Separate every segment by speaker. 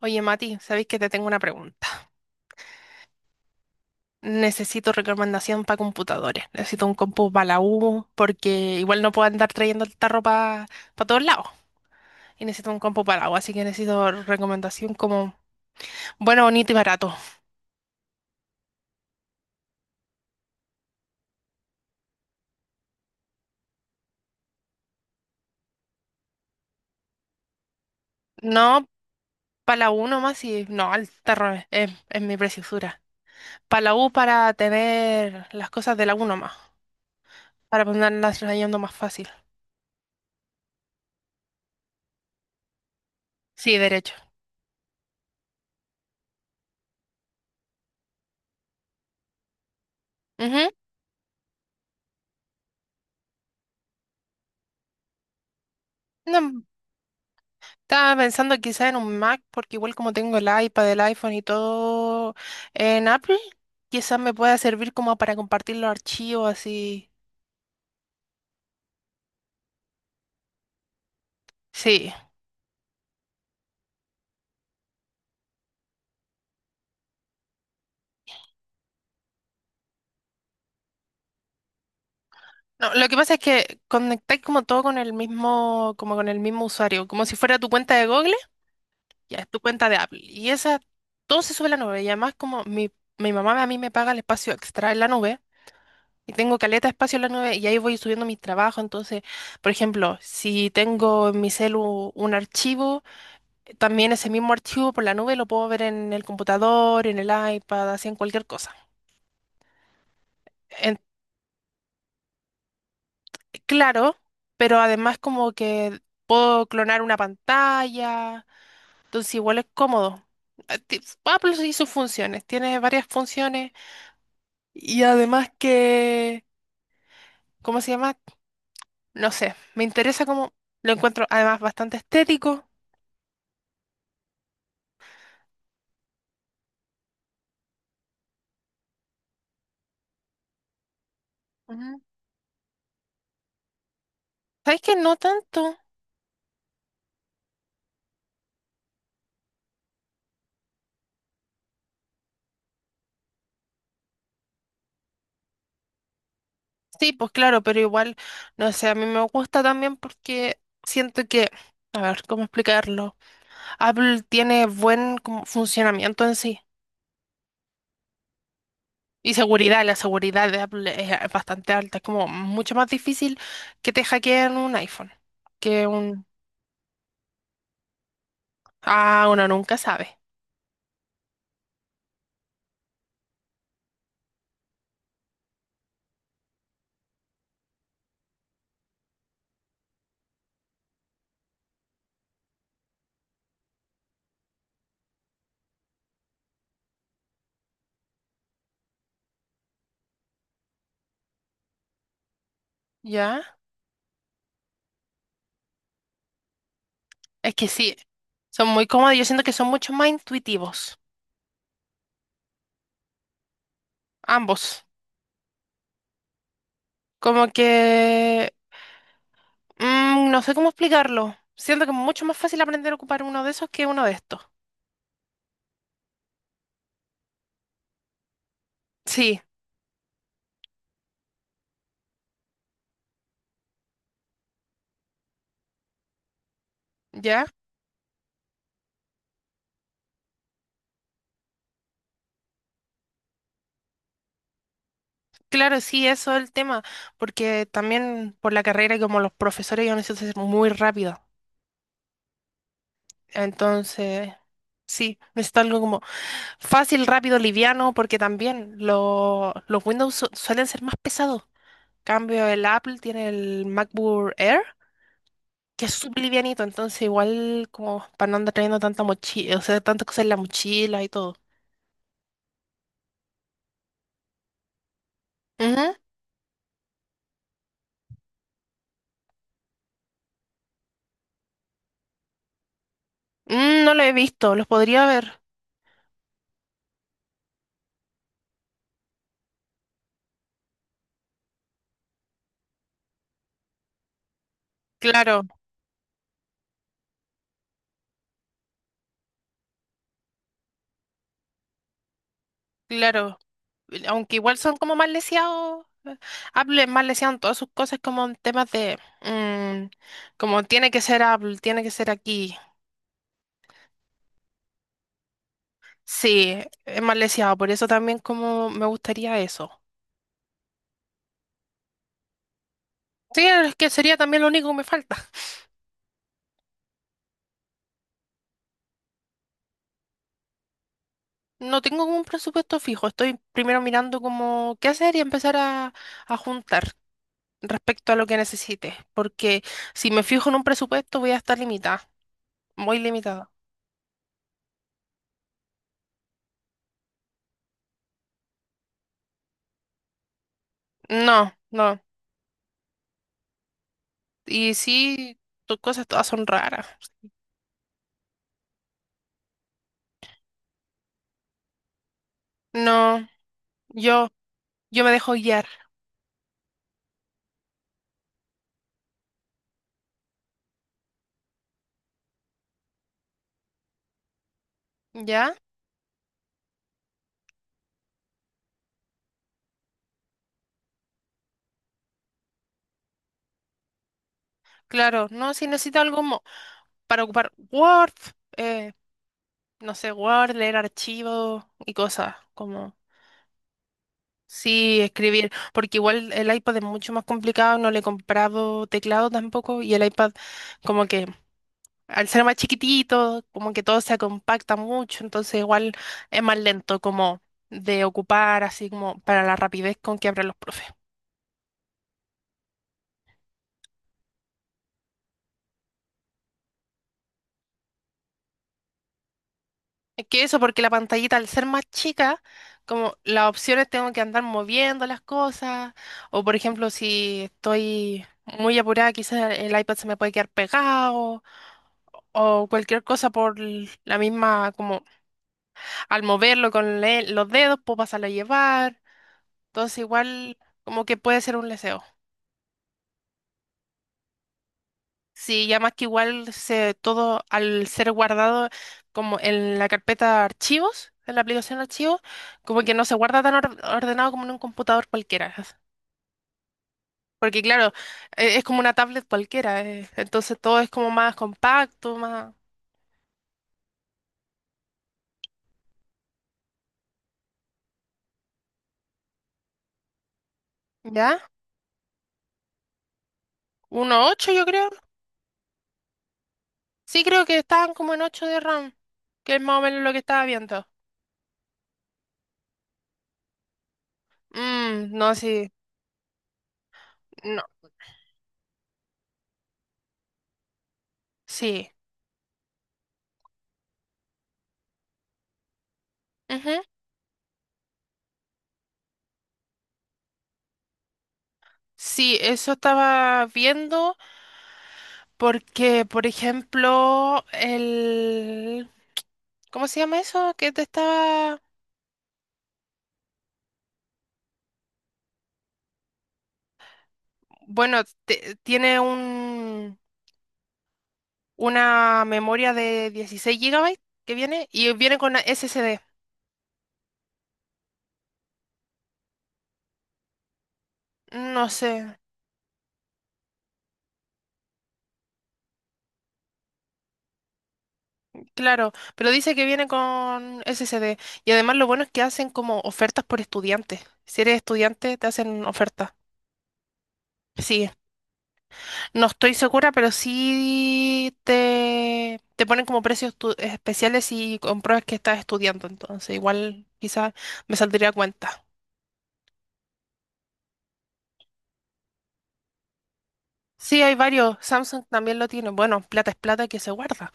Speaker 1: Oye, Mati, sabéis que te tengo una pregunta. Necesito recomendación para computadores. Necesito un compu para la U, porque igual no puedo andar trayendo el tarro para todos lados. Y necesito un compu para la U, así que necesito recomendación como bueno, bonito y barato. No, para la U nomás. Y no, el tarro es mi preciosura. Para la U para tener las cosas de la U nomás, para ponerlas trayendo más fácil. Sí, derecho. Ujú. No, estaba pensando quizá en un Mac, porque igual como tengo el iPad, el iPhone y todo en Apple, quizás me pueda servir como para compartir los archivos así. Sí. No, lo que pasa es que conectáis como todo con el mismo, como con el mismo usuario, como si fuera tu cuenta de Google, ya es tu cuenta de Apple. Y esa, todo se sube a la nube. Y además como mi mamá a mí me paga el espacio extra en la nube. Y tengo caleta de espacio en la nube y ahí voy subiendo mis trabajos. Entonces, por ejemplo, si tengo en mi celu un archivo, también ese mismo archivo por la nube lo puedo ver en el computador, en el iPad, así en cualquier cosa. En- claro, pero además como que puedo clonar una pantalla, entonces igual es cómodo. Ah, Apple y sus funciones, tiene varias funciones y además que, ¿cómo se llama? No sé, me interesa como lo encuentro además bastante estético. Ujú. ¿Sabes qué? No tanto. Sí, pues claro, pero igual, no sé, a mí me gusta también porque siento que, a ver, ¿cómo explicarlo? Apple tiene buen como funcionamiento en sí y seguridad, la seguridad de Apple es bastante alta, es como mucho más difícil que te hackeen un iPhone que un... Ah, uno nunca sabe, ¿ya? Es que sí, son muy cómodos, yo siento que son mucho más intuitivos, ambos. Como que mm, no sé cómo explicarlo. Siento que es mucho más fácil aprender a ocupar uno de esos que uno de estos. Sí, ¿ya? Claro, sí, eso es el tema, porque también por la carrera y como los profesores yo necesito ser muy rápido. Entonces, sí, necesito algo como fácil, rápido, liviano, porque también los Windows suelen ser más pesados. Cambio el Apple tiene el MacBook Air, que es súper livianito, entonces igual como para no andar trayendo tanta mochila, o sea, tanta cosa en la mochila y todo. Mm, no lo he visto, los podría ver. Claro, claro. Aunque igual son como más leseados. Apple es más leseado en todas sus cosas como en temas de... mm, como tiene que ser Apple, tiene que ser aquí. Sí, es más leseado, por eso también como me gustaría eso. Sí, es que sería también lo único que me falta. No tengo como un presupuesto fijo, estoy primero mirando como qué hacer y empezar a juntar respecto a lo que necesite, porque si me fijo en un presupuesto voy a estar limitada, muy limitada. No, no. Y sí, tus cosas todas son raras. No, yo, yo me dejo guiar, ¿ya? Claro, no, si necesito algo para ocupar Word, eh, no sé, Word, leer archivos y cosas, como sí, escribir, porque igual el iPad es mucho más complicado, no le he comprado teclado tampoco y el iPad como que al ser más chiquitito, como que todo se compacta mucho, entonces igual es más lento como de ocupar, así como para la rapidez con que abren los profes. Es que eso, porque la pantallita al ser más chica, como las opciones tengo que andar moviendo las cosas, o por ejemplo, si estoy muy apurada, quizás el iPad se me puede quedar pegado, o cualquier cosa por la misma, como al moverlo con los dedos, puedo pasarlo a llevar, entonces igual como que puede ser un leseo. Sí, ya más que igual se, todo al ser guardado como en la carpeta archivos, en la aplicación archivos, como que no se guarda tan ordenado como en un computador cualquiera. Porque claro, es como una tablet cualquiera, entonces todo es como más compacto, más... ¿Ya? Uno punto ocho yo creo. Sí, creo que estaban como en 8 de RAM, que es más o menos lo que estaba viendo. Mm, no, sí, no, sí. Ujú. Sí, eso estaba viendo. Porque, por ejemplo, el... ¿Cómo se llama eso? Que te estaba... Bueno, tiene un, una memoria de 16 GB que viene y viene con SSD. No sé, claro, pero dice que viene con SSD. Y además lo bueno es que hacen como ofertas por estudiantes. Si eres estudiante, te hacen ofertas. Sí. No estoy segura, pero sí te ponen como precios especiales y compruebas que estás estudiando, entonces igual quizás me saldría a cuenta. Sí, hay varios, Samsung también lo tiene, bueno, plata es plata que se guarda.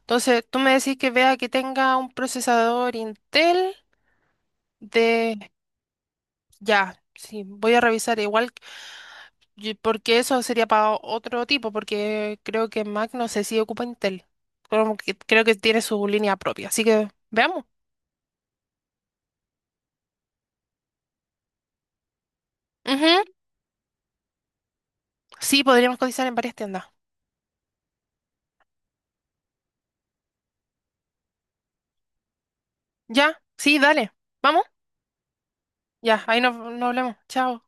Speaker 1: Entonces, tú me decís que vea que tenga un procesador Intel de... Ya, sí, voy a revisar igual, porque eso sería para otro tipo, porque creo que Mac no sé si ocupa Intel, como creo que tiene su línea propia, así que veamos. Sí, podríamos cotizar en varias tiendas. ¿Ya? Sí, dale. ¿Vamos? Ya, ahí nos, nos hablamos. Chao.